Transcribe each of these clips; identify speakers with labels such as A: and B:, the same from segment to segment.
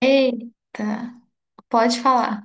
A: Eita, pode falar.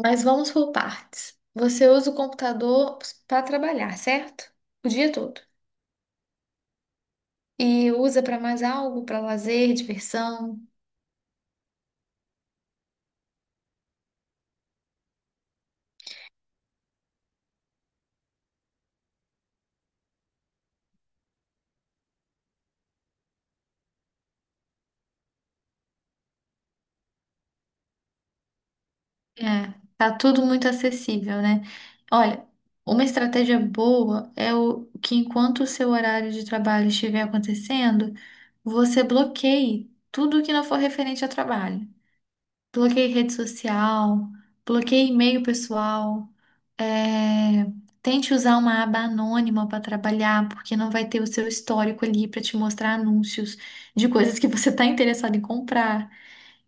A: Mas vamos por partes. Você usa o computador para trabalhar, certo? O dia todo. E usa para mais algo, para lazer, diversão. É, tá tudo muito acessível, né? Olha, uma estratégia boa é o que enquanto o seu horário de trabalho estiver acontecendo, você bloqueie tudo que não for referente ao trabalho. Bloqueei rede social, bloqueei e-mail pessoal. É, tente usar uma aba anônima para trabalhar, porque não vai ter o seu histórico ali para te mostrar anúncios de coisas que você está interessado em comprar.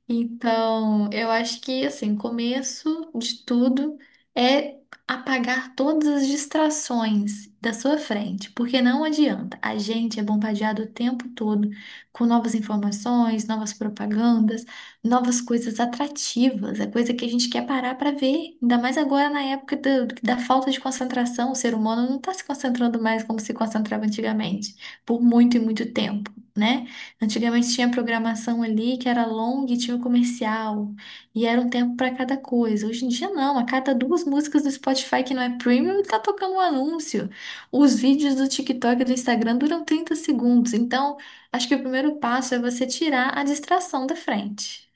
A: Então, eu acho que assim, começo de tudo é apagar todas as distrações da sua frente, porque não adianta. A gente é bombardeado o tempo todo com novas informações, novas propagandas, novas coisas atrativas, é coisa que a gente quer parar para ver. Ainda mais agora na época da falta de concentração, o ser humano não está se concentrando mais como se concentrava antigamente, por muito e muito tempo, né? Antigamente tinha programação ali que era longa e tinha o comercial, e era um tempo para cada coisa. Hoje em dia não, a cada duas músicas do Spotify que não é premium tá tocando um anúncio. Os vídeos do TikTok e do Instagram duram 30 segundos, então acho que o primeiro passo é você tirar a distração da frente.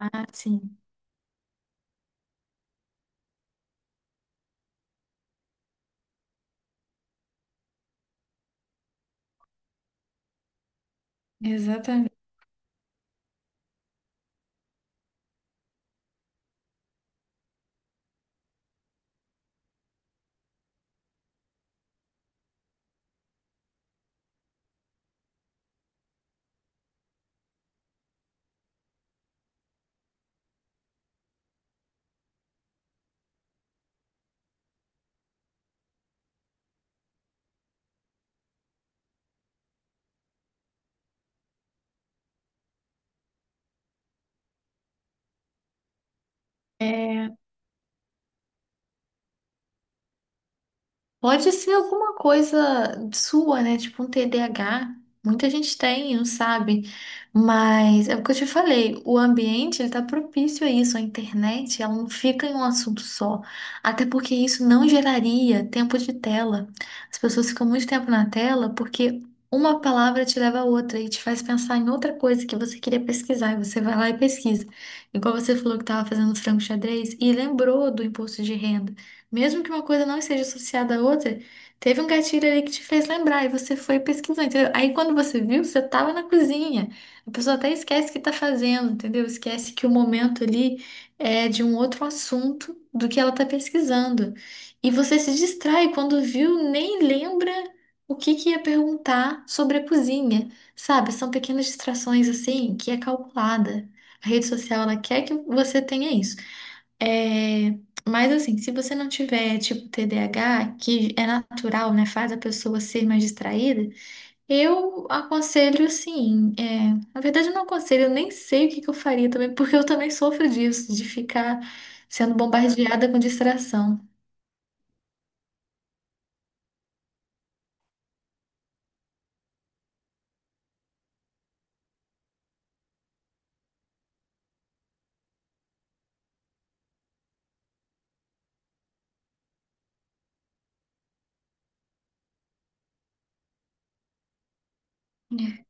A: Ah, sim, exatamente. Pode ser alguma coisa sua, né? Tipo um TDAH. Muita gente tem, não sabe. Mas é o que eu te falei, o ambiente ele tá propício a isso. A internet, ela não fica em um assunto só. Até porque isso não geraria tempo de tela. As pessoas ficam muito tempo na tela porque uma palavra te leva a outra e te faz pensar em outra coisa que você queria pesquisar. E você vai lá e pesquisa. Igual você falou que estava fazendo frango xadrez e lembrou do imposto de renda. Mesmo que uma coisa não esteja associada à outra, teve um gatilho ali que te fez lembrar e você foi pesquisando, entendeu? Aí quando você viu, você estava na cozinha. A pessoa até esquece o que está fazendo, entendeu? Esquece que o momento ali é de um outro assunto do que ela está pesquisando. E você se distrai quando viu, nem lembra o que que ia perguntar sobre a cozinha, sabe? São pequenas distrações assim que é calculada. A rede social, ela quer que você tenha isso. É, mas assim, se você não tiver tipo TDAH, que é natural, né, faz a pessoa ser mais distraída, eu aconselho sim. É, na verdade, eu não aconselho, eu nem sei o que que eu faria também, porque eu também sofro disso, de ficar sendo bombardeada com distração. É.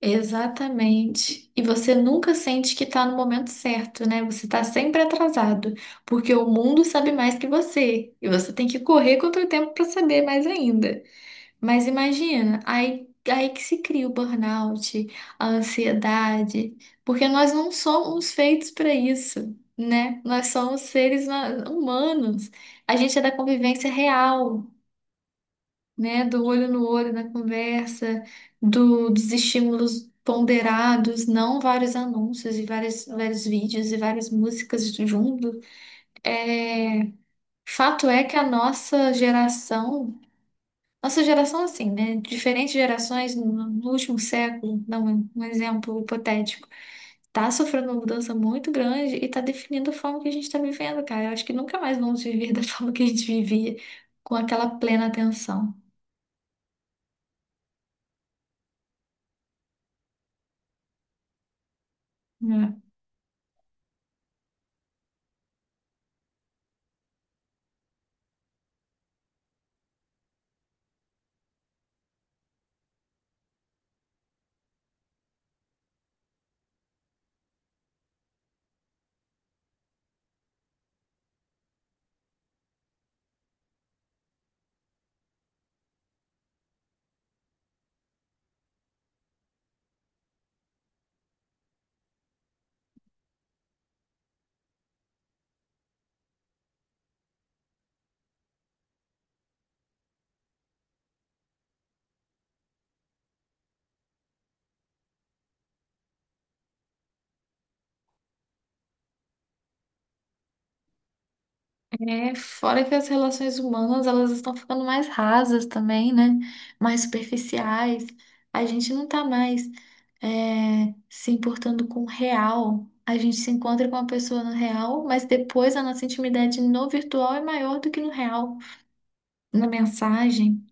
A: Exatamente. E você nunca sente que está no momento certo, né? Você está sempre atrasado, porque o mundo sabe mais que você, e você tem que correr contra o tempo para saber mais ainda. Mas imagina, aí que se cria o burnout, a ansiedade, porque nós não somos feitos para isso, né? Nós somos seres humanos. A gente é da convivência real, né? Do olho no olho, na conversa, dos estímulos ponderados, não vários anúncios e vários, vários vídeos e várias músicas junto. É, fato é que a nossa geração, assim, né? Diferentes gerações no último século, dá um exemplo hipotético, tá sofrendo uma mudança muito grande e tá definindo a forma que a gente tá vivendo, cara. Eu acho que nunca mais vamos viver da forma que a gente vivia, com aquela plena atenção. Né? É, fora que as relações humanas, elas estão ficando mais rasas também, né? Mais superficiais. A gente não tá mais se importando com o real. A gente se encontra com a pessoa no real, mas depois a nossa intimidade no virtual é maior do que no real, na mensagem.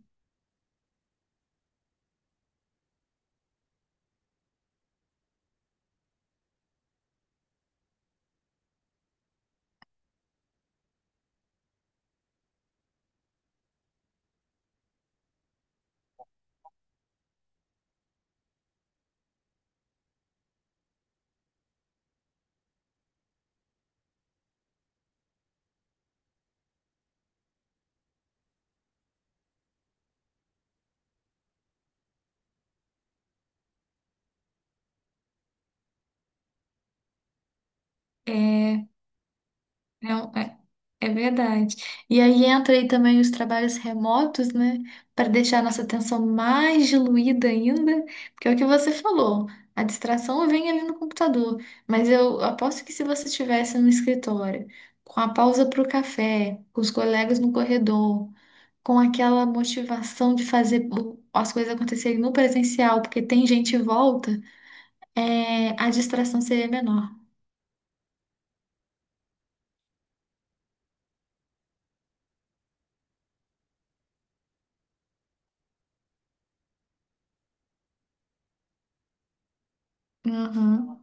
A: é, É, um- é, é verdade. E aí entra aí também os trabalhos remotos, né? Para deixar a nossa atenção mais diluída ainda, porque é o que você falou, a distração vem ali no computador. Mas eu aposto que se você estivesse no escritório, com a pausa para o café, com os colegas no corredor, com aquela motivação de fazer as coisas acontecerem no presencial, porque tem gente em volta, a distração seria menor. Uhum.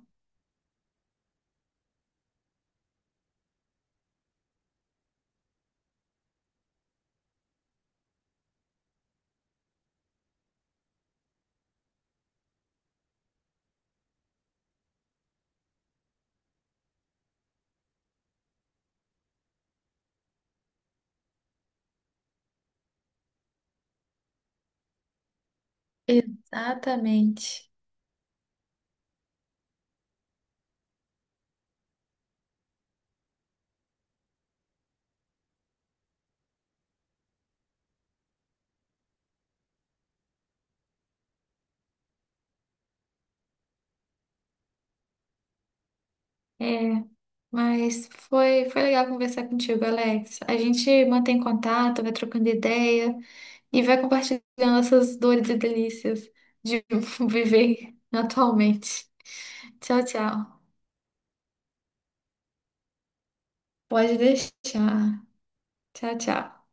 A: Exatamente. É. Mas foi legal conversar contigo, Alex. A gente mantém contato, vai trocando ideia e vai compartilhando essas dores e delícias de viver atualmente. Tchau, tchau. Pode deixar. Tchau, tchau.